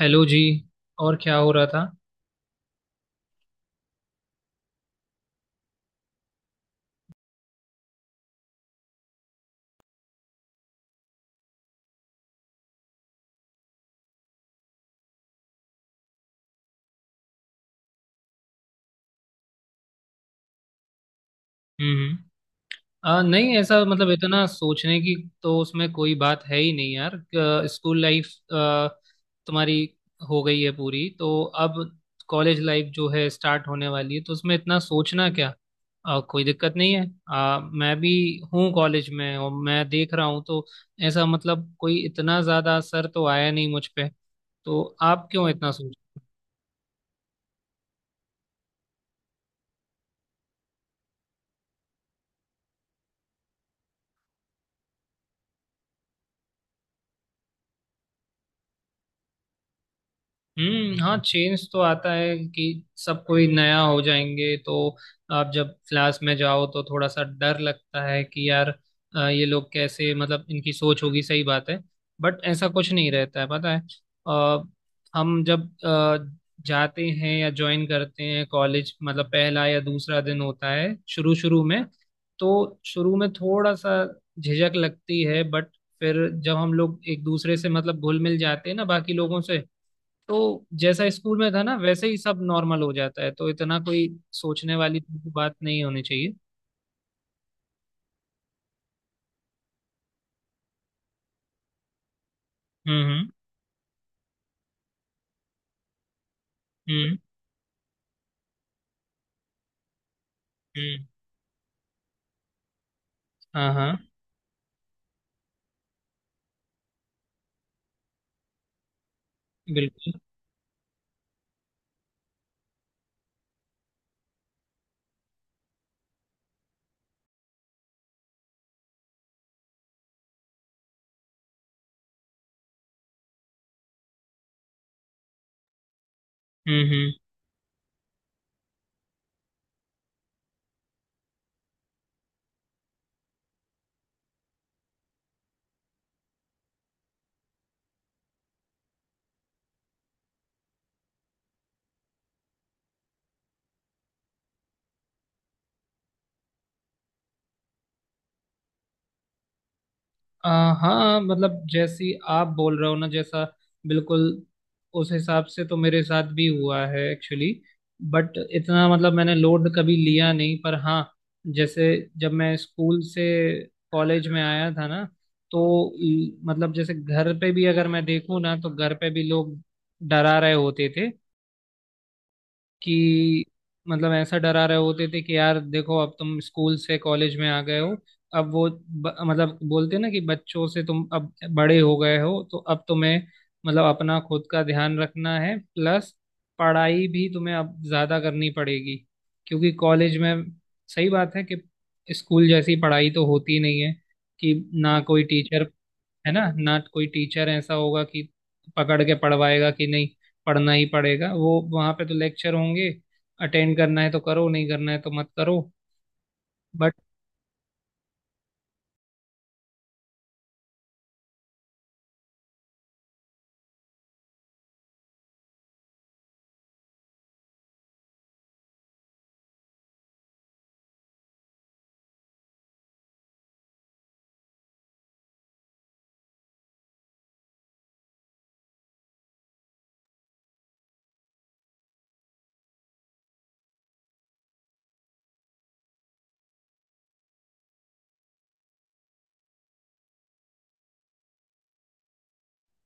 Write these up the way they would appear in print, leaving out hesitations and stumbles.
Hello जी। और क्या हो रहा था। हम्म। नहीं ऐसा मतलब इतना सोचने की तो उसमें कोई बात है ही नहीं यार। स्कूल लाइफ अ, तुम्हारी हो गई है पूरी, तो अब कॉलेज लाइफ जो है स्टार्ट होने वाली है, तो उसमें इतना सोचना क्या। कोई दिक्कत नहीं है। मैं भी हूँ कॉलेज में, और मैं देख रहा हूँ तो ऐसा मतलब कोई इतना ज़्यादा असर तो आया नहीं मुझ पे। तो आप क्यों इतना सोच। हम्म, हाँ चेंज तो आता है कि सब कोई नया हो जाएंगे, तो आप जब क्लास में जाओ तो थोड़ा सा डर लगता है कि यार ये लोग कैसे, मतलब इनकी सोच होगी, सही बात है। बट ऐसा कुछ नहीं रहता है, पता है। अ, हम जब जाते हैं या ज्वाइन करते हैं कॉलेज, मतलब पहला या दूसरा दिन होता है शुरू शुरू में, तो शुरू में थोड़ा सा झिझक लगती है, बट फिर जब हम लोग एक दूसरे से मतलब घुल मिल जाते हैं ना बाकी लोगों से, तो जैसा स्कूल में था ना वैसे ही सब नॉर्मल हो जाता है, तो इतना कोई सोचने वाली बात नहीं होनी चाहिए। हम्म हम्म हम्म हम्म, हाँ हाँ, बिल्कुल। हम्म। हाँ मतलब जैसी आप बोल रहे हो ना, जैसा, बिल्कुल उस हिसाब से तो मेरे साथ भी हुआ है एक्चुअली। बट इतना मतलब मैंने लोड कभी लिया नहीं, पर हाँ, जैसे जब मैं स्कूल से कॉलेज में आया था ना, तो मतलब जैसे घर पे भी अगर मैं देखूँ ना, तो घर पे भी लोग डरा रहे होते थे कि, मतलब ऐसा डरा रहे होते थे कि यार देखो अब तुम स्कूल से कॉलेज में आ गए हो, अब मतलब बोलते ना कि बच्चों से तुम अब बड़े हो गए हो, तो अब तुम्हें मतलब अपना खुद का ध्यान रखना है, प्लस पढ़ाई भी तुम्हें अब ज्यादा करनी पड़ेगी क्योंकि कॉलेज में सही बात है कि स्कूल जैसी पढ़ाई तो होती नहीं है कि ना कोई टीचर है ना, ना कोई टीचर ऐसा होगा कि पकड़ के पढ़वाएगा कि नहीं पढ़ना ही पड़ेगा, वो वहां पे तो लेक्चर होंगे, अटेंड करना है तो करो, नहीं करना है तो मत करो। बट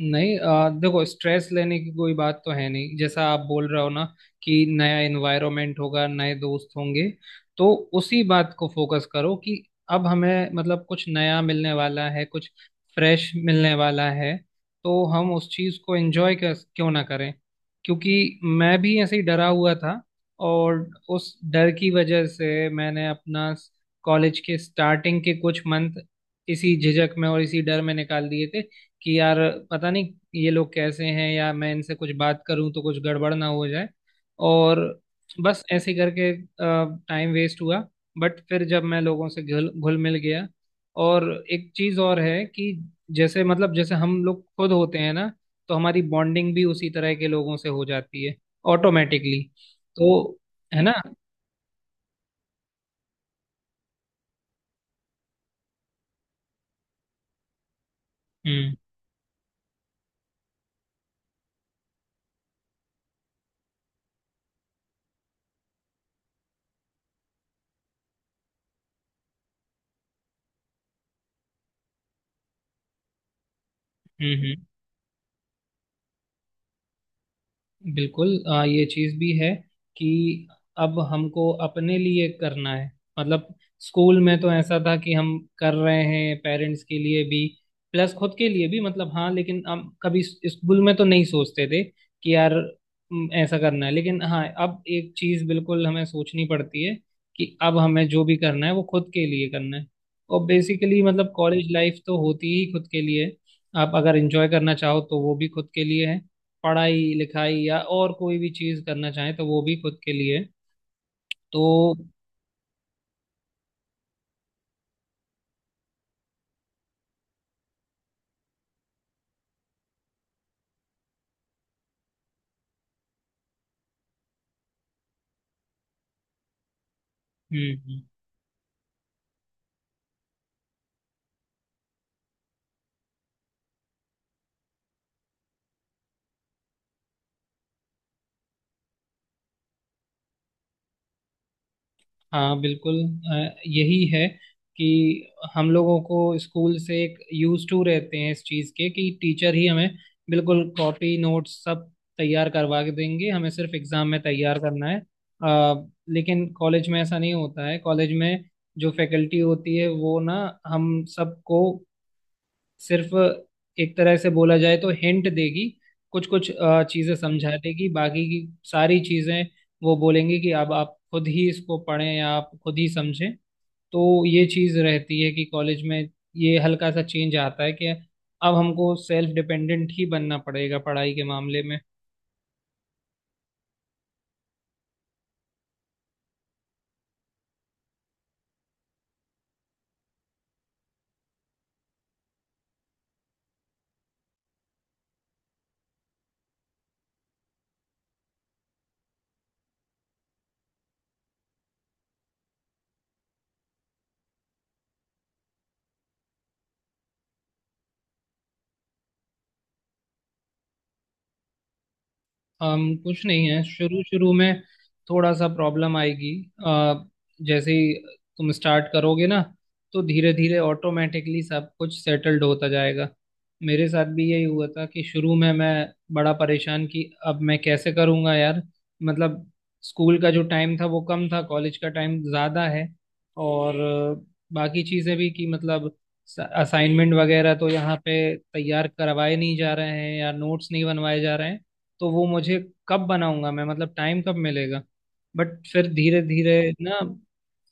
नहीं देखो स्ट्रेस लेने की कोई बात तो है नहीं। जैसा आप बोल रहे हो ना कि नया एनवायरनमेंट होगा, नए दोस्त होंगे, तो उसी बात को फोकस करो कि अब हमें मतलब कुछ नया मिलने वाला है, कुछ फ्रेश मिलने वाला है, तो हम उस चीज़ को एंजॉय कर क्यों ना करें। क्योंकि मैं भी ऐसे ही डरा हुआ था, और उस डर की वजह से मैंने अपना कॉलेज के स्टार्टिंग के कुछ मंथ इसी झिझक में और इसी डर में निकाल दिए थे कि यार पता नहीं ये लोग कैसे हैं, या मैं इनसे कुछ बात करूं तो कुछ गड़बड़ ना हो जाए। और बस ऐसे ही करके टाइम वेस्ट हुआ। बट फिर जब मैं लोगों से घुल घुल मिल गया, और एक चीज और है कि जैसे मतलब जैसे हम लोग खुद होते हैं ना, तो हमारी बॉन्डिंग भी उसी तरह के लोगों से हो जाती है ऑटोमेटिकली। तो है ना। हम्म हम्म बिल्कुल ये चीज भी है कि अब हमको अपने लिए करना है। मतलब स्कूल में तो ऐसा था कि हम कर रहे हैं पेरेंट्स के लिए भी, प्लस खुद के लिए भी, मतलब हाँ लेकिन हम कभी स्कूल में तो नहीं सोचते थे कि यार ऐसा करना है, लेकिन हाँ अब एक चीज बिल्कुल हमें सोचनी पड़ती है कि अब हमें जो भी करना है वो खुद के लिए करना है। और बेसिकली मतलब कॉलेज लाइफ तो होती ही खुद के लिए, आप अगर एंजॉय करना चाहो तो वो भी खुद के लिए है, पढ़ाई लिखाई या और कोई भी चीज़ करना चाहें तो वो भी खुद के लिए। तो हम्म हम्म, हाँ बिल्कुल। यही है कि हम लोगों को स्कूल से एक यूज टू रहते हैं इस चीज़ के कि टीचर ही हमें बिल्कुल कॉपी नोट्स सब तैयार करवा के देंगे, हमें सिर्फ एग्जाम में तैयार करना है। लेकिन कॉलेज में ऐसा नहीं होता है। कॉलेज में जो फैकल्टी होती है वो ना हम सबको सिर्फ एक तरह से बोला जाए तो हिंट देगी, कुछ कुछ चीजें समझा देगी, बाकी की सारी चीजें वो बोलेंगे कि अब आप खुद ही इसको पढ़ें या आप खुद ही समझें। तो ये चीज रहती है कि कॉलेज में ये हल्का सा चेंज आता है कि अब हमको सेल्फ डिपेंडेंट ही बनना पड़ेगा पढ़ाई के मामले में। हम कुछ नहीं है, शुरू शुरू में थोड़ा सा प्रॉब्लम आएगी। अ, जैसे ही तुम स्टार्ट करोगे ना, तो धीरे धीरे ऑटोमेटिकली सब कुछ सेटल्ड होता जाएगा। मेरे साथ भी यही हुआ था कि शुरू में मैं बड़ा परेशान कि अब मैं कैसे करूँगा यार, मतलब स्कूल का जो टाइम था वो कम था, कॉलेज का टाइम ज़्यादा है। और बाकी चीज़ें भी कि मतलब असाइनमेंट वगैरह तो यहाँ पे तैयार करवाए नहीं जा रहे हैं, या नोट्स नहीं बनवाए जा रहे हैं, तो वो मुझे कब बनाऊंगा मैं, मतलब टाइम कब मिलेगा। बट फिर धीरे धीरे ना,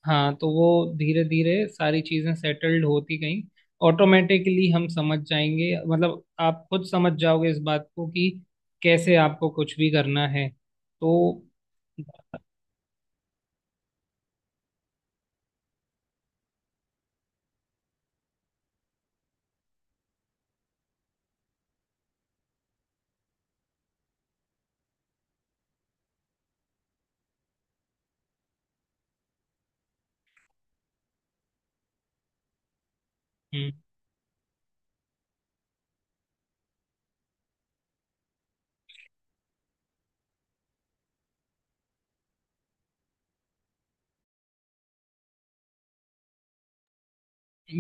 हाँ तो वो धीरे धीरे सारी चीजें सेटल्ड होती गई। ऑटोमेटिकली हम समझ जाएंगे, मतलब आप खुद समझ जाओगे इस बात को कि कैसे आपको कुछ भी करना है। तो हम्म,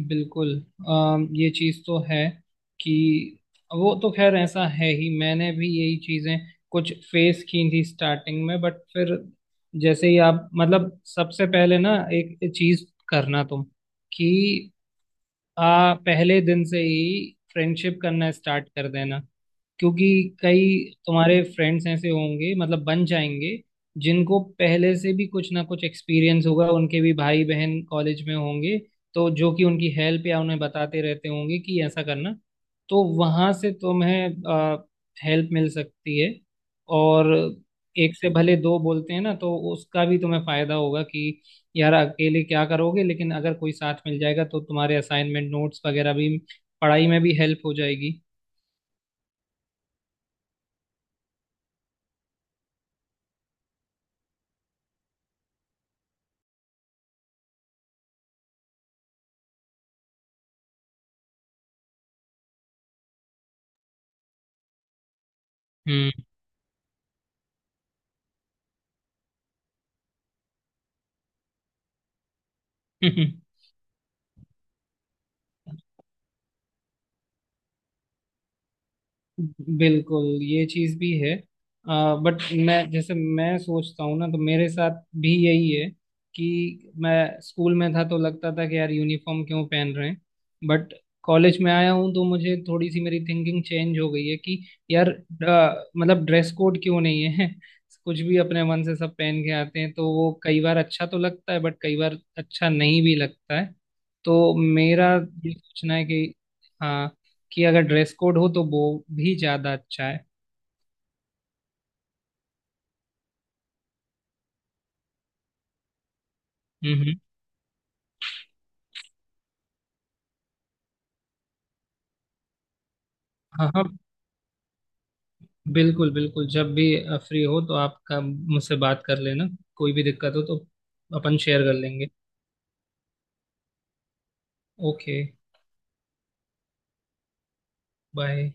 बिल्कुल। ये चीज तो है कि वो तो खैर ऐसा है ही। मैंने भी यही चीजें कुछ फेस की थी स्टार्टिंग में, बट फिर जैसे ही आप मतलब, सबसे पहले ना एक चीज करना तुम कि आ पहले दिन से ही फ्रेंडशिप करना स्टार्ट कर देना। क्योंकि कई तुम्हारे फ्रेंड्स ऐसे होंगे, मतलब बन जाएंगे, जिनको पहले से भी कुछ ना कुछ एक्सपीरियंस होगा, उनके भी भाई बहन कॉलेज में होंगे, तो जो कि उनकी हेल्प या उन्हें बताते रहते होंगे कि ऐसा करना, तो वहां से तुम्हें हेल्प मिल सकती है। और एक से भले दो बोलते हैं ना, तो उसका भी तुम्हें फायदा होगा कि यार अकेले क्या करोगे, लेकिन अगर कोई साथ मिल जाएगा तो तुम्हारे असाइनमेंट नोट्स वगैरह भी, पढ़ाई में भी हेल्प हो जाएगी। हम्म। बिल्कुल, ये चीज भी है। बट मैं, जैसे मैं सोचता हूँ ना, तो मेरे साथ भी यही है कि मैं स्कूल में था तो लगता था कि यार यूनिफॉर्म क्यों पहन रहे हैं, बट कॉलेज में आया हूँ तो मुझे थोड़ी सी मेरी थिंकिंग चेंज हो गई है कि यार मतलब ड्रेस कोड क्यों नहीं है। कुछ भी अपने मन से सब पहन के आते हैं, तो वो कई बार अच्छा तो लगता है, बट कई बार अच्छा नहीं भी लगता है। तो मेरा ये सोचना है कि हाँ, कि अगर ड्रेस कोड हो तो वो भी ज्यादा अच्छा है। हम्म हम्म। हाँ हाँ, बिल्कुल बिल्कुल। जब भी फ्री हो तो आप मुझसे बात कर लेना, कोई भी दिक्कत हो तो अपन शेयर कर लेंगे। Okay, bye.